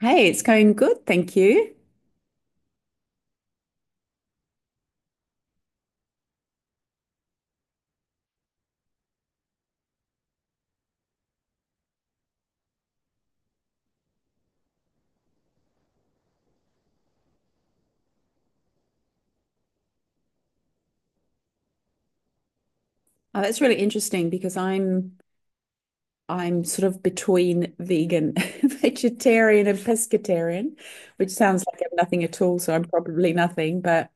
Hey, it's going good, thank you. Oh, that's really interesting because I'm sort of between vegan, vegetarian, and pescatarian, which sounds like I'm nothing at all. So I'm probably nothing. But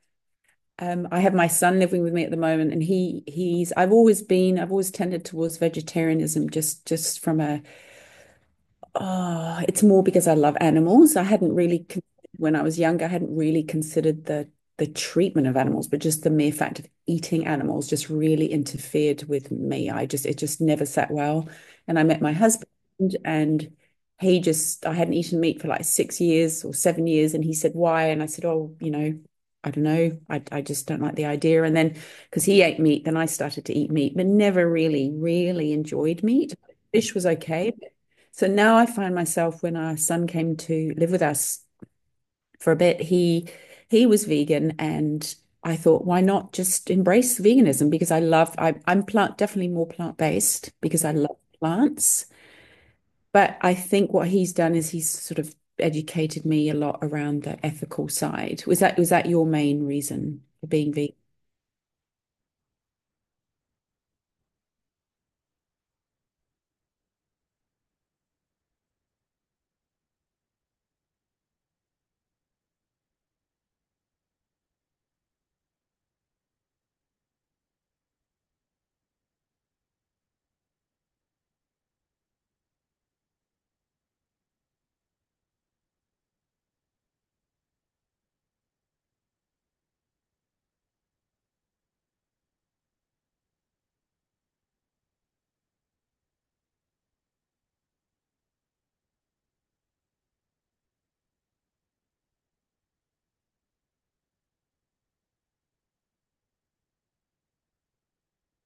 I have my son living with me at the moment, and he's I've always been I've always tended towards vegetarianism just from a oh, it's more because I love animals. I hadn't really, when I was younger, I hadn't really considered the treatment of animals, but just the mere fact of eating animals just really interfered with me. I just it just never sat well. And I met my husband, and he just I hadn't eaten meat for like 6 years or 7 years, and he said why, and I said, oh, you know. I don't know. I just don't like the idea. And then, because he ate meat, then I started to eat meat, but never really enjoyed meat. Fish was okay, so now I find myself when our son came to live with us for a bit, he was vegan and I thought, why not just embrace veganism? Because I love, I, I'm plant definitely more plant-based because I love plants. But I think what he's done is he's sort of educated me a lot around the ethical side. Was that your main reason for being vegan?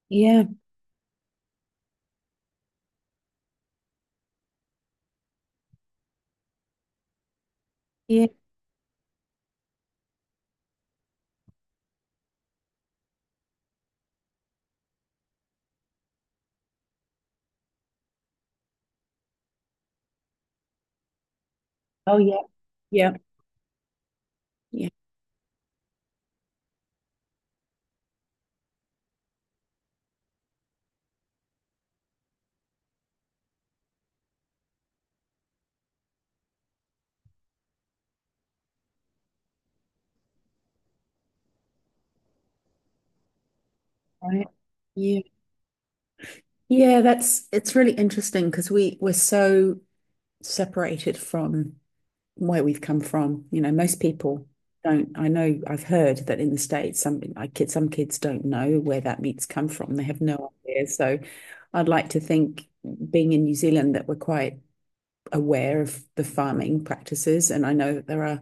Yeah, yeah. Oh yeah, yeah, yeah. Right. Yeah. Yeah, that's it's really interesting because we're so separated from where we've come from. You know, most people don't. I know I've heard that in the States, some like kids, some kids don't know where that meat's come from. They have no idea. So I'd like to think, being in New Zealand, that we're quite aware of the farming practices. And I know that there are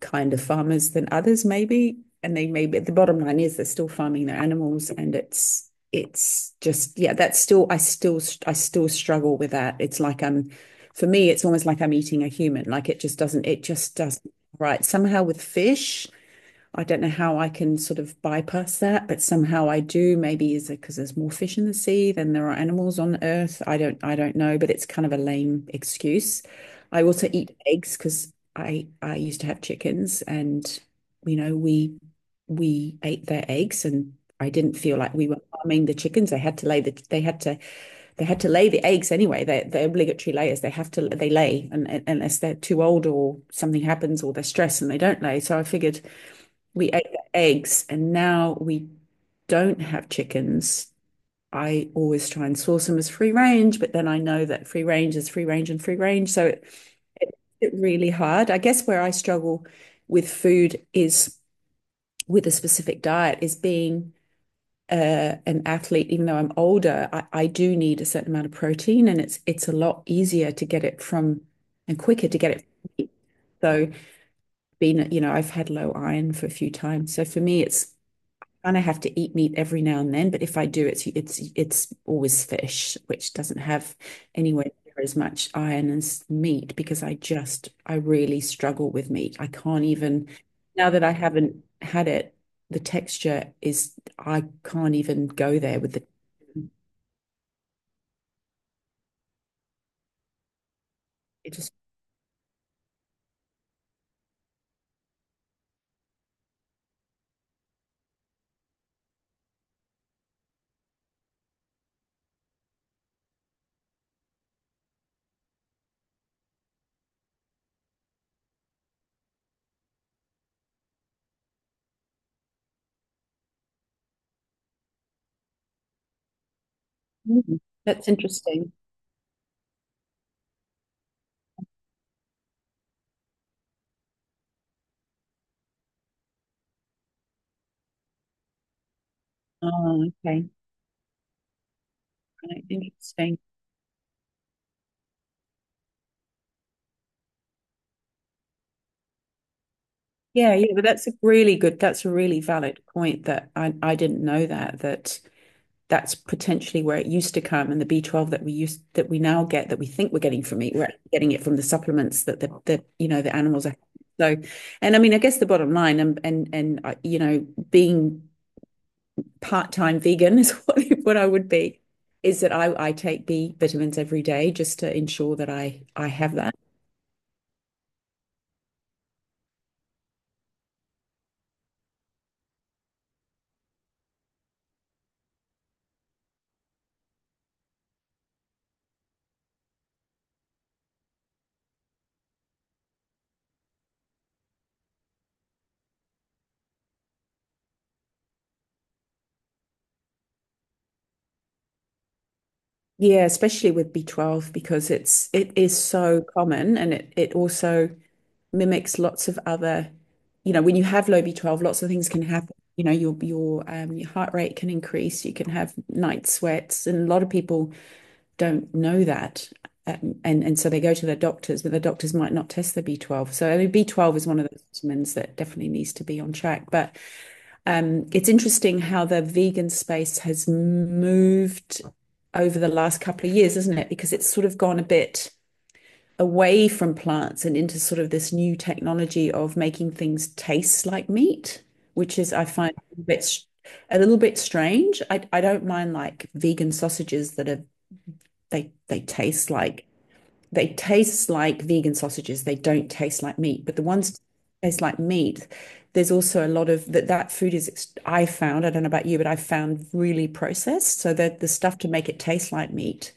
kind of farmers than others, maybe. And they maybe the bottom line is they're still farming their animals, and it's just yeah, that's still I still struggle with that. It's like I'm for me, it's almost like I'm eating a human. Like it just doesn't right. Somehow with fish, I don't know how I can sort of bypass that, but somehow I do. Maybe is it because there's more fish in the sea than there are animals on Earth? I don't know, but it's kind of a lame excuse. I also eat eggs because I used to have chickens, and you know we ate their eggs, and I didn't feel like we were harming the chickens. They had to lay the they had to lay the eggs anyway. They're obligatory layers. They have to they lay, and unless they're too old or something happens or they're stressed and they don't lay. So I figured we ate the eggs and now we don't have chickens. I always try and source them as free range, but then I know that free range is free range and free range. So it really hard. I guess where I struggle with food is with a specific diet is being an athlete, even though I'm older, I do need a certain amount of protein and it's a lot easier to get it from and quicker to get it from meat. So being, you know, I've had low iron for a few times. So for me, it's kind of have to eat meat every now and then, but if I do, it's always fish, which doesn't have anywhere near as much iron as meat because I just I really struggle with meat. I can't even now that I haven't had it, the texture is I can't even go there with the it just. Mm, that's interesting. Oh, okay. Right, interesting. Yeah, yeah, but that's a really good, that's a really valid point that I didn't know that, that that's potentially where it used to come and the B12 that we used that we now get that we think we're getting from meat we're getting it from the supplements that the you know the animals are so and I mean I guess the bottom line and you know being part-time vegan is what I would be is that I take b vitamins every day just to ensure that i have that yeah especially with B12 because it's it is so common and it also mimics lots of other, you know, when you have low B12, lots of things can happen. You know, your your heart rate can increase. You can have night sweats, and a lot of people don't know that, and so they go to their doctors, but the doctors might not test their B12. So I mean, B12 is one of those vitamins that definitely needs to be on track. But it's interesting how the vegan space has moved over the last couple of years, isn't it? Because it's sort of gone a bit away from plants and into sort of this new technology of making things taste like meat, which is I find a bit s- a little bit strange. I don't mind like vegan sausages that are they they taste like they taste like vegan sausages. They don't taste like meat, but the ones that taste like meat. There's also a lot of that that food is I found, I don't know about you, but I found really processed. So that the stuff to make it taste like meat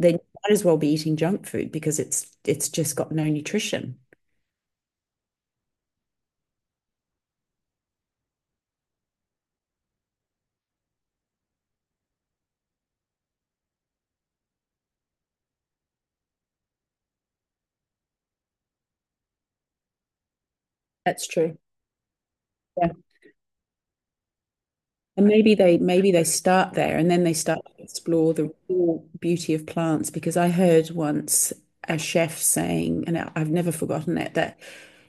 then you might as well be eating junk food because it's just got no nutrition. That's true. Yeah. And maybe they start there and then they start to explore the real beauty of plants because I heard once a chef saying, and I've never forgotten it, that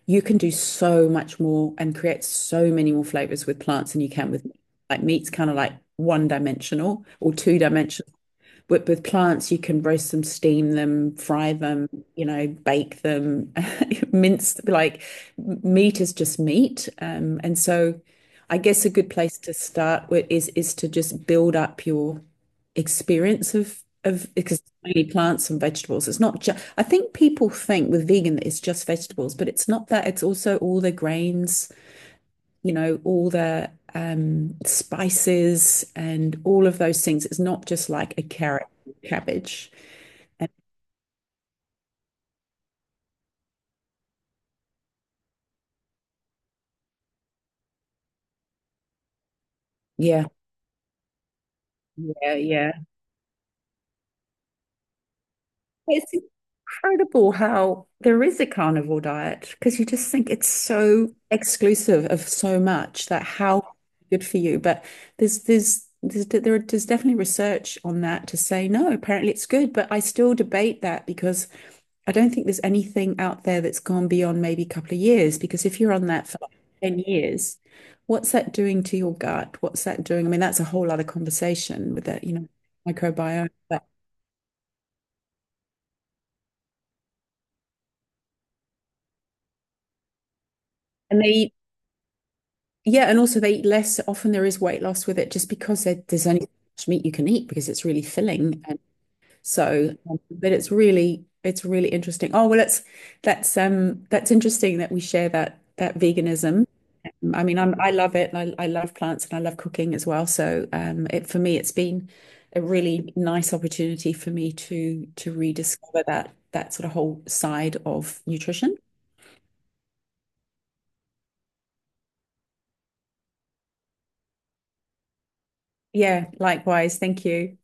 you can do so much more and create so many more flavors with plants than you can with meat. Like meat's kind of like one dimensional or two dimensional. With plants, you can roast them, steam them, fry them, you know, bake them, mince, like meat is just meat. And so I guess a good place to start with is to just build up your experience of because it's mainly plants and vegetables. It's not just I think people think with vegan that it's just vegetables, but it's not that. It's also all the grains you know, all the spices and all of those things. It's not just like a carrot, cabbage. And yeah, yeah, yeah. It's incredible how there is a carnivore diet because you just think it's so exclusive of so much that how good for you. But there's definitely research on that to say no, apparently it's good. But I still debate that because I don't think there's anything out there that's gone beyond maybe a couple of years because if you're on that for like 10 years, what's that doing to your gut? What's that doing? I mean, that's a whole other conversation with that, you know, microbiome. But, and they eat, yeah, and also they eat less. Often there is weight loss with it just because there's only so much meat you can eat because it's really filling. And so, but it's really interesting. Oh, well, it's, that's interesting that we share that, that veganism. I mean, I'm, I love it. I love plants and I love cooking as well. So, it for me, it's been a really nice opportunity for me to rediscover that that sort of whole side of nutrition. Yeah, likewise. Thank you.